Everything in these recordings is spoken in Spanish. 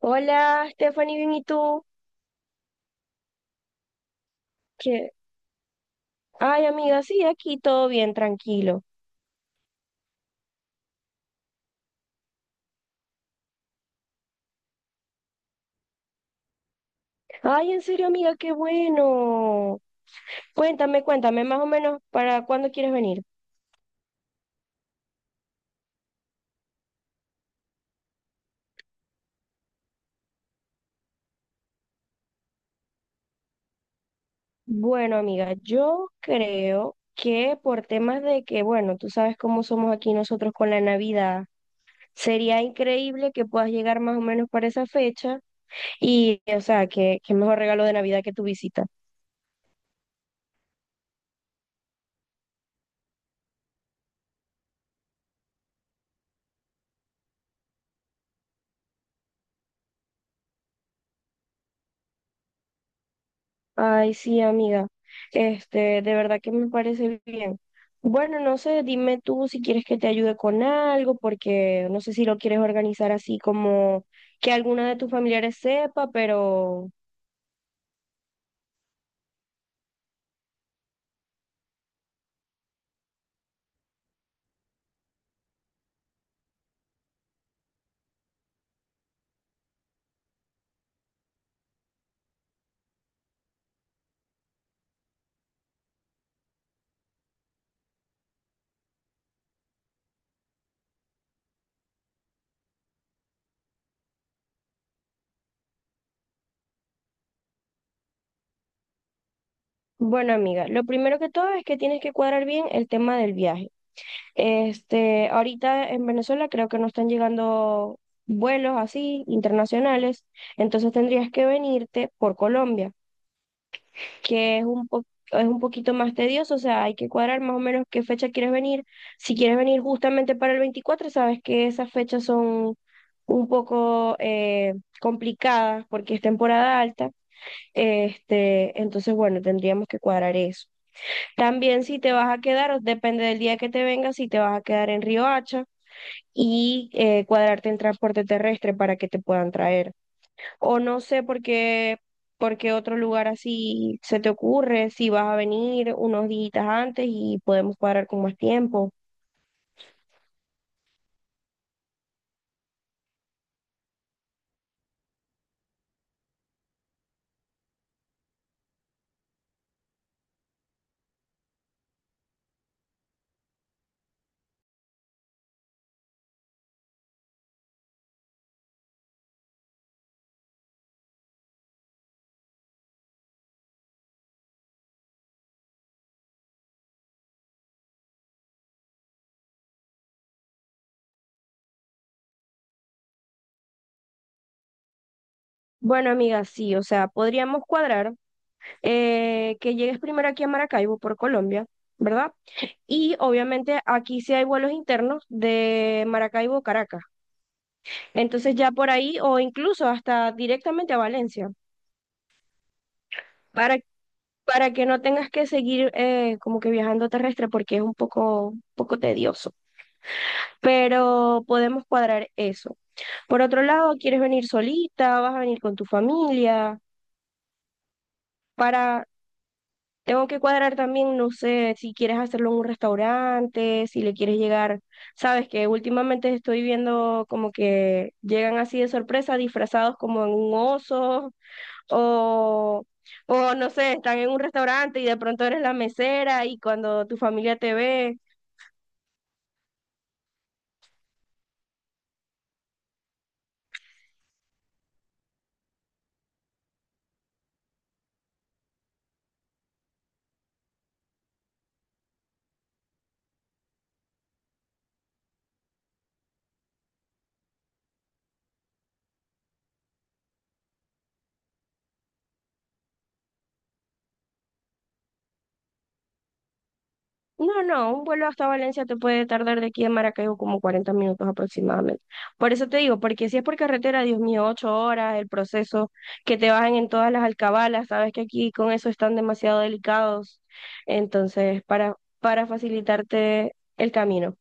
Hola, Stephanie, bien, ¿y tú? ¿Qué? Ay, amiga, sí, aquí todo bien, tranquilo. Ay, en serio, amiga, qué bueno. Cuéntame, más o menos, ¿para cuándo quieres venir? Bueno, amiga, yo creo que por temas de que, bueno, tú sabes cómo somos aquí nosotros con la Navidad, sería increíble que puedas llegar más o menos para esa fecha y, o sea, que qué mejor regalo de Navidad que tu visita. Ay, sí, amiga. Este, de verdad que me parece bien. Bueno, no sé, dime tú si quieres que te ayude con algo, porque no sé si lo quieres organizar así como que alguna de tus familiares sepa, pero bueno, amiga, lo primero que todo es que tienes que cuadrar bien el tema del viaje. Este, ahorita en Venezuela creo que no están llegando vuelos así internacionales, entonces tendrías que venirte por Colombia. Que es un po- Es un poquito más tedioso, o sea, hay que cuadrar más o menos qué fecha quieres venir. Si quieres venir justamente para el 24, sabes que esas fechas son un poco complicadas porque es temporada alta. Este, entonces, bueno, tendríamos que cuadrar eso. También si te vas a quedar, o depende del día que te vengas, si te vas a quedar en Río Hacha y cuadrarte en transporte terrestre para que te puedan traer. O no sé por qué otro lugar así se te ocurre, si vas a venir unos días antes y podemos cuadrar con más tiempo. Bueno, amiga, sí, o sea, podríamos cuadrar que llegues primero aquí a Maracaibo por Colombia, ¿verdad? Y obviamente aquí sí hay vuelos internos de Maracaibo a Caracas. Entonces ya por ahí o incluso hasta directamente a Valencia, para, para que no tengas que seguir como que viajando terrestre porque es un poco tedioso. Pero podemos cuadrar eso. Por otro lado, ¿quieres venir solita? ¿Vas a venir con tu familia? Para, Tengo que cuadrar también, no sé, si quieres hacerlo en un restaurante, si le quieres llegar, sabes que últimamente estoy viendo como que llegan así de sorpresa, disfrazados como en un oso o... O no sé, están en un restaurante y de pronto eres la mesera y cuando tu familia te ve, no, no, un vuelo hasta Valencia te puede tardar de aquí a Maracaibo como 40 minutos aproximadamente. Por eso te digo, porque si es por carretera, Dios mío, ocho horas, el proceso, que te bajen en todas las alcabalas, sabes que aquí con eso están demasiado delicados. Entonces, para facilitarte el camino.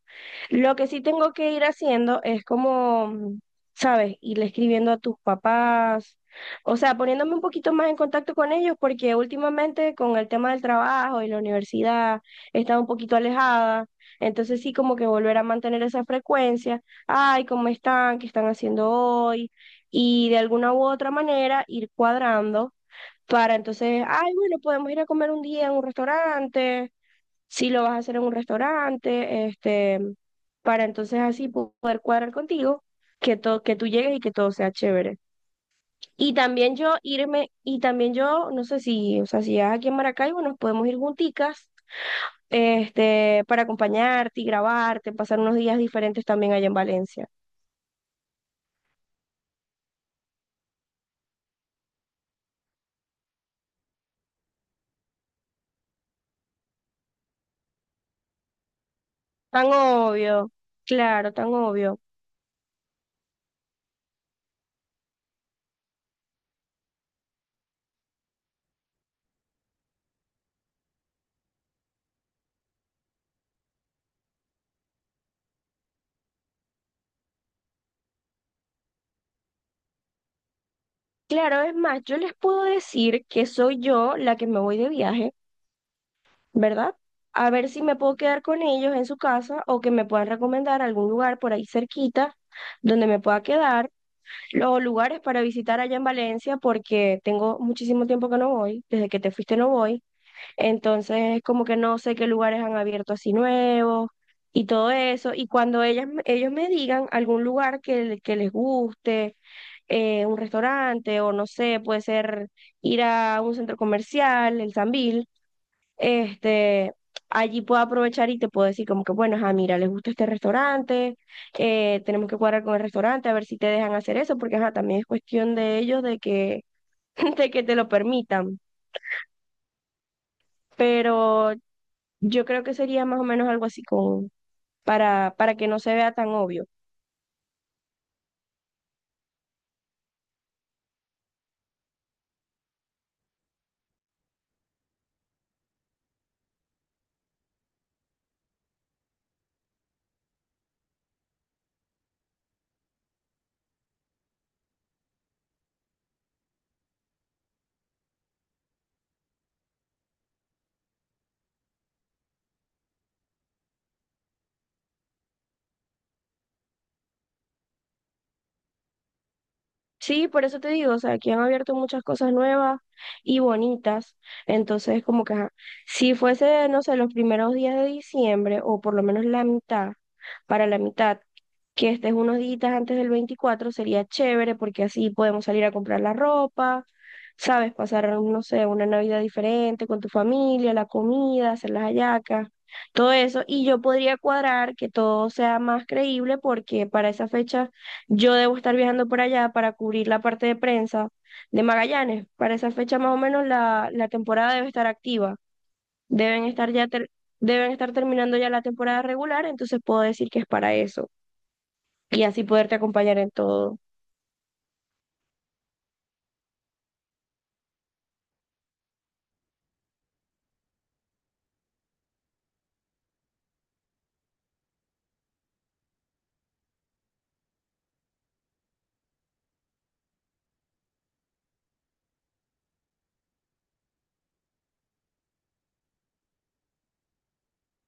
Lo que sí tengo que ir haciendo es como, ¿sabes? Irle escribiendo a tus papás, o sea, poniéndome un poquito más en contacto con ellos, porque últimamente con el tema del trabajo y la universidad he estado un poquito alejada, entonces sí como que volver a mantener esa frecuencia, ay, ¿cómo están? ¿Qué están haciendo hoy? Y de alguna u otra manera ir cuadrando para entonces, ay, bueno, podemos ir a comer un día en un restaurante si lo vas a hacer en un restaurante, este, para entonces así poder cuadrar contigo, que todo, que tú llegues y que todo sea chévere. Y también yo irme, y también yo, no sé si, o sea, si llegas aquí en Maracaibo, nos podemos ir junticas, este, para acompañarte y grabarte, pasar unos días diferentes también allá en Valencia. Tan obvio, claro, tan obvio. Claro, es más, yo les puedo decir que soy yo la que me voy de viaje, ¿verdad? A ver si me puedo quedar con ellos en su casa o que me puedan recomendar algún lugar por ahí cerquita donde me pueda quedar, los lugares para visitar allá en Valencia porque tengo muchísimo tiempo que no voy, desde que te fuiste no voy, entonces como que no sé qué lugares han abierto así nuevos y todo eso, y cuando ellas, ellos me digan algún lugar que, que les guste, un restaurante o no sé, puede ser ir a un centro comercial, el Sambil. Este, allí puedo aprovechar y te puedo decir como que, bueno, ajá, mira, les gusta este restaurante, tenemos que cuadrar con el restaurante a ver si te dejan hacer eso, porque ajá, también es cuestión de ellos de que, de que te lo permitan. Pero yo creo que sería más o menos algo así como para que no se vea tan obvio. Sí, por eso te digo, o sea, aquí han abierto muchas cosas nuevas y bonitas. Entonces, como que, ajá, si fuese, no sé, los primeros días de diciembre, o por lo menos la mitad, para la mitad, que estés unos días antes del 24, sería chévere porque así podemos salir a comprar la ropa, ¿sabes? Pasar, no sé, una Navidad diferente con tu familia, la comida, hacer las hallacas, todo eso. Y yo podría cuadrar que todo sea más creíble porque para esa fecha yo debo estar viajando por allá para cubrir la parte de prensa de Magallanes. Para esa fecha más o menos la temporada debe estar activa. Deben estar ya ter- Deben estar terminando ya la temporada regular, entonces puedo decir que es para eso. Y así poderte acompañar en todo.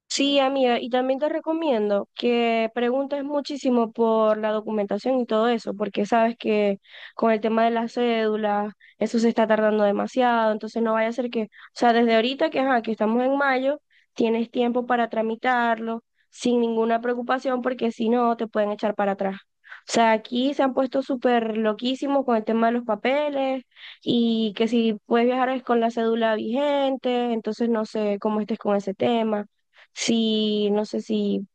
Sí, amiga, y también te recomiendo que preguntes muchísimo por la documentación y todo eso, porque sabes que con el tema de las cédulas, eso se está tardando demasiado, entonces no vaya a ser que, o sea, desde ahorita que, ajá, que estamos en mayo, tienes tiempo para tramitarlo sin ninguna preocupación, porque si no, te pueden echar para atrás. O sea, aquí se han puesto súper loquísimos con el tema de los papeles y que si puedes viajar es con la cédula vigente, entonces no sé cómo estés con ese tema, si, no sé si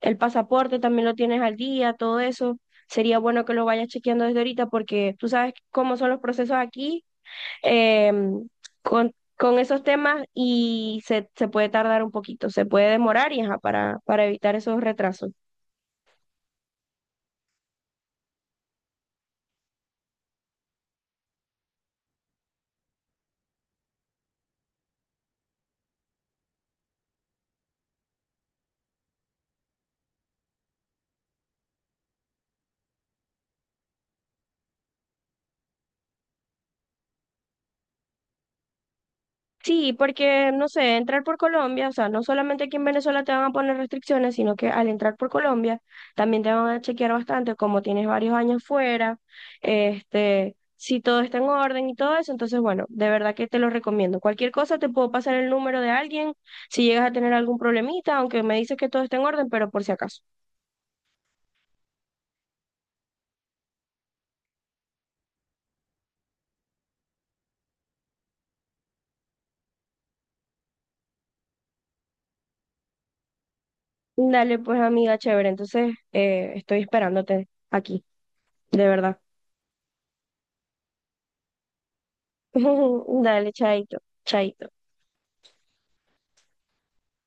el pasaporte también lo tienes al día, todo eso. Sería bueno que lo vayas chequeando desde ahorita porque tú sabes cómo son los procesos aquí em, con, con esos temas y se puede tardar un poquito, se puede demorar y ajá, para evitar esos retrasos. Sí, porque, no sé, entrar por Colombia, o sea, no solamente aquí en Venezuela te van a poner restricciones, sino que al entrar por Colombia también te van a chequear bastante, como tienes varios años fuera, este, si todo está en orden y todo eso, entonces, bueno, de verdad que te lo recomiendo. Cualquier cosa te puedo pasar el número de alguien si llegas a tener algún problemita, aunque me dices que todo está en orden, pero por si acaso. Dale, pues, amiga, chévere, entonces estoy esperándote aquí, de verdad. Dale, chaito, chaito.